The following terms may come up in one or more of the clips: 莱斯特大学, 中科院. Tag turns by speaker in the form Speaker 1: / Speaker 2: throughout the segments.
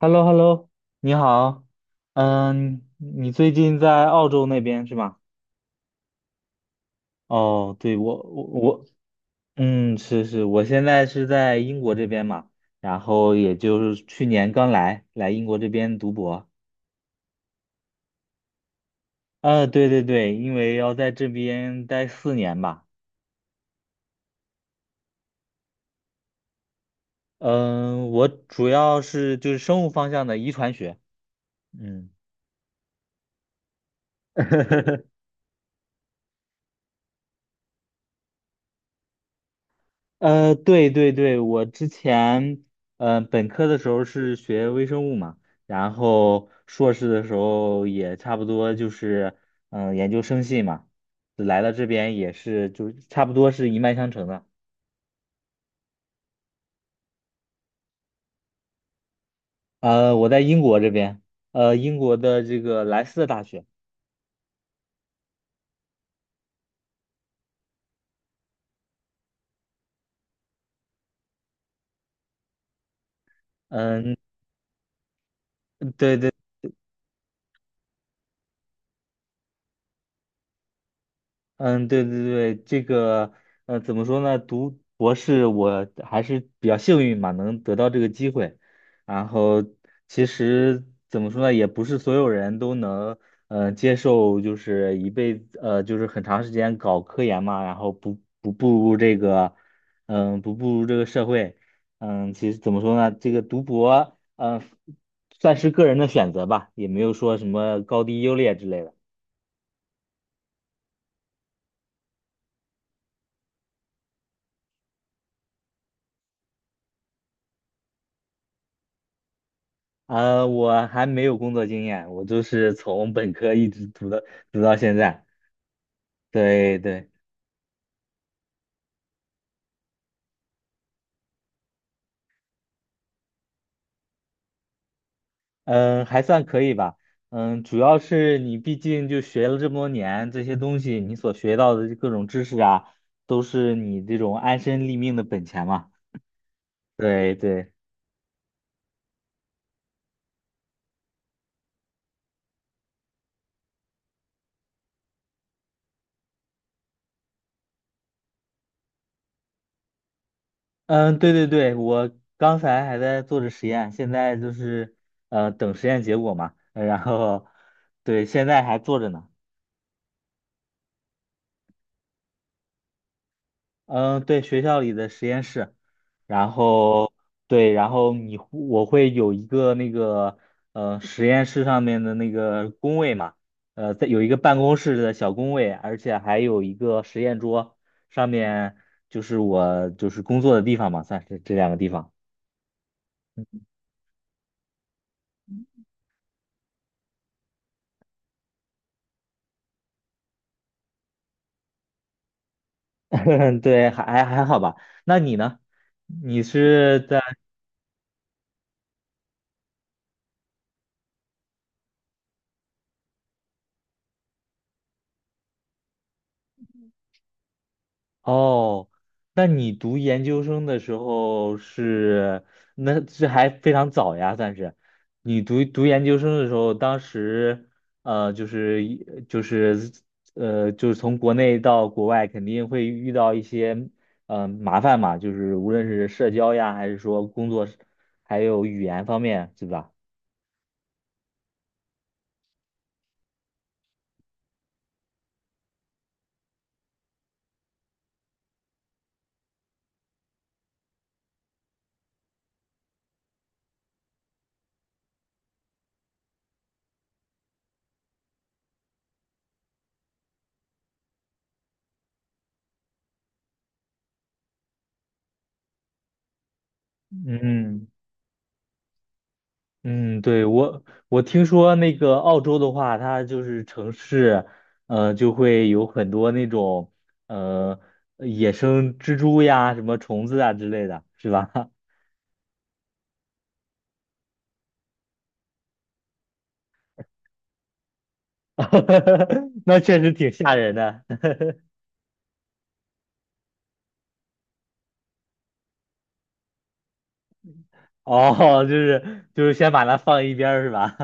Speaker 1: h e l l o h e l l o。 你好。嗯，你最近在澳洲那边是吗？哦，对，我，嗯，是，我现在是在英国这边嘛，然后也就是去年刚来英国这边读博。对对对，因为要在这边待4年吧。嗯，我主要是就是生物方向的遗传学。嗯。对对对，我之前本科的时候是学微生物嘛，然后硕士的时候也差不多就是研究生系嘛，来了这边也是就是差不多是一脉相承的。我在英国这边，英国的这个莱斯特大学。嗯、对对。嗯，对对对，这个怎么说呢？读博士我还是比较幸运嘛，能得到这个机会。然后其实怎么说呢，也不是所有人都能接受，就是一辈子就是很长时间搞科研嘛，然后不不步入这个嗯、不步入这个社会。嗯，其实怎么说呢，这个读博算是个人的选择吧，也没有说什么高低优劣之类的。我还没有工作经验，我就是从本科一直读到现在。对对。嗯，还算可以吧。嗯，主要是你毕竟就学了这么多年，这些东西你所学到的各种知识啊，都是你这种安身立命的本钱嘛。对对。嗯，对对对，我刚才还在做着实验，现在就是等实验结果嘛，然后对，现在还做着呢。嗯，对，学校里的实验室。然后对，然后我会有一个那个实验室上面的那个工位嘛，在有一个办公室的小工位，而且还有一个实验桌，上面就是我就是工作的地方嘛，算是这两个地方。对，还好吧。那你呢？你是在？哦，那你读研究生的时候是，那这还非常早呀，算是。你读研究生的时候，当时呃，就是一就是呃，就是从国内到国外，肯定会遇到一些麻烦嘛，就是无论是社交呀，还是说工作，还有语言方面，对吧？嗯，嗯，对，我听说那个澳洲的话，它就是城市，就会有很多那种呃野生蜘蛛呀、什么虫子啊之类的，是吧？那确实挺吓人的。哦，就是先把它放一边儿是吧？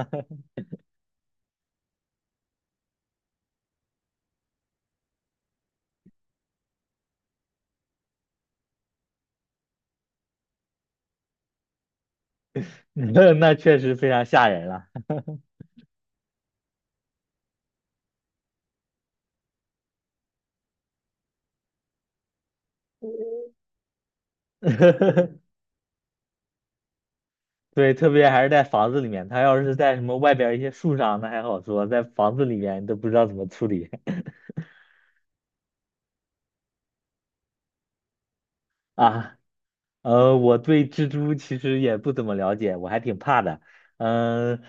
Speaker 1: 那确实非常吓人了。对，特别还是在房子里面，它要是在什么外边儿一些树上，那还好说，在房子里面你都不知道怎么处理。 啊。我对蜘蛛其实也不怎么了解，我还挺怕的。嗯、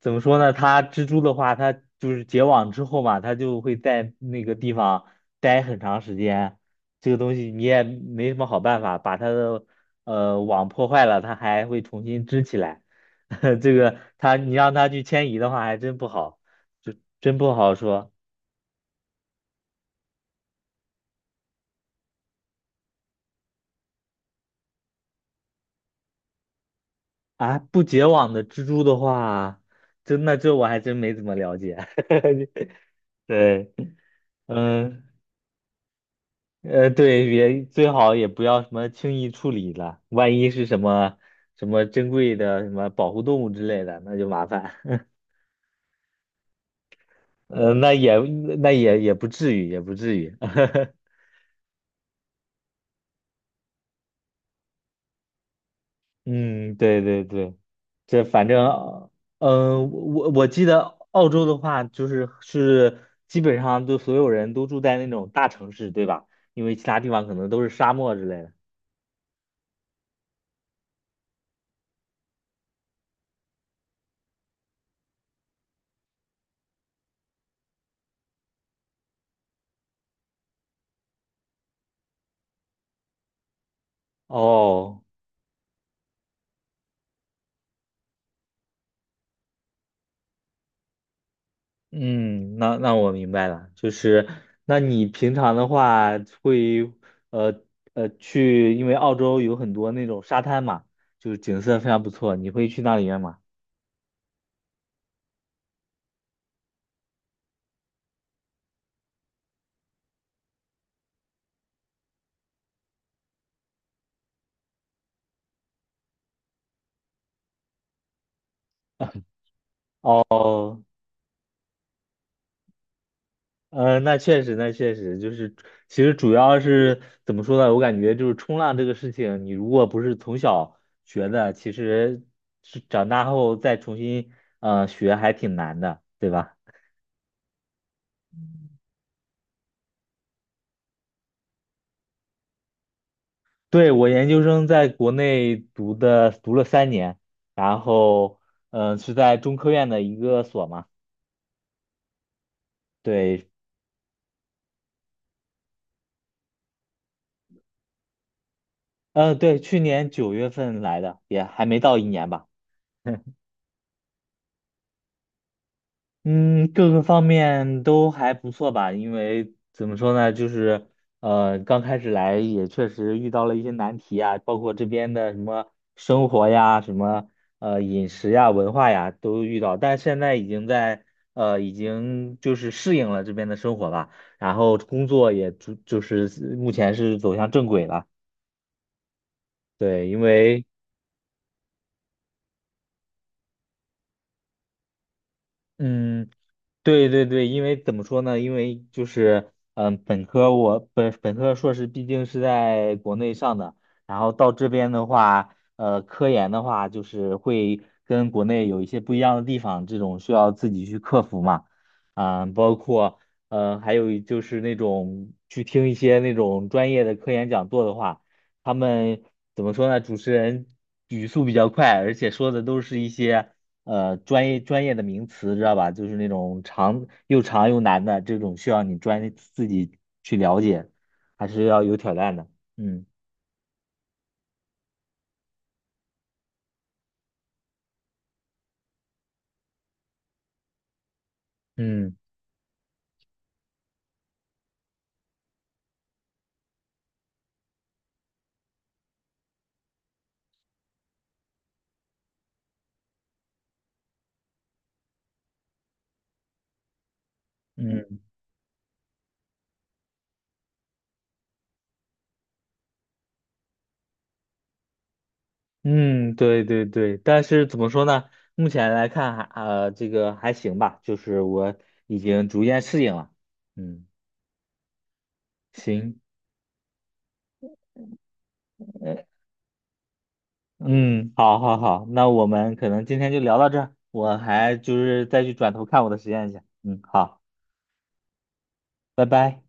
Speaker 1: 怎么说呢？它蜘蛛的话，它就是结网之后嘛，它就会在那个地方待很长时间。这个东西你也没什么好办法，把它的网破坏了，它还会重新织起来。这个它你让它去迁移的话，还真不好，就真不好说啊。不结网的蜘蛛的话，真的这我还真没怎么了解。对。嗯，对，也最好也不要什么轻易处理了，万一是什么什么珍贵的什么保护动物之类的，那就麻烦。呃，那也那也不至于，也不至于。嗯，对对对，这反正，我记得澳洲的话，就是基本上都所有人都住在那种大城市，对吧？因为其他地方可能都是沙漠之类的。哦嗯，那我明白了，就是那你平常的话会呃去，因为澳洲有很多那种沙滩嘛，就是景色非常不错，你会去那里面吗？哦，那确实，那确实就是，其实主要是怎么说呢？我感觉就是冲浪这个事情，你如果不是从小学的，其实是长大后再重新学还挺难的，对吧？对，我研究生在国内读的，读了3年。然后，是在中科院的一个所嘛。对。嗯、对，去年9月份来的，也还没到一年吧。嗯，各个方面都还不错吧，因为怎么说呢，就是刚开始来也确实遇到了一些难题啊，包括这边的什么生活呀、什么饮食呀、文化呀都遇到，但现在已经就是适应了这边的生活吧，然后工作也就是目前是走向正轨了，对，因为嗯，对对对，因为怎么说呢？因为就是，嗯，我本科硕士毕竟是在国内上的，然后到这边的话，科研的话就是会跟国内有一些不一样的地方，这种需要自己去克服嘛。嗯，包括，还有就是那种去听一些那种专业的科研讲座的话，他们怎么说呢？主持人语速比较快，而且说的都是一些。专业的名词，知道吧？就是那种长又长又难的这种，需要你自己去了解，还是要有挑战的。嗯嗯嗯嗯，对对对。但是怎么说呢？目前来看这个还行吧，就是我已经逐渐适应了。嗯，行。嗯，好好好，那我们可能今天就聊到这儿，我还就是再去转头看我的实验去。嗯，好，拜拜。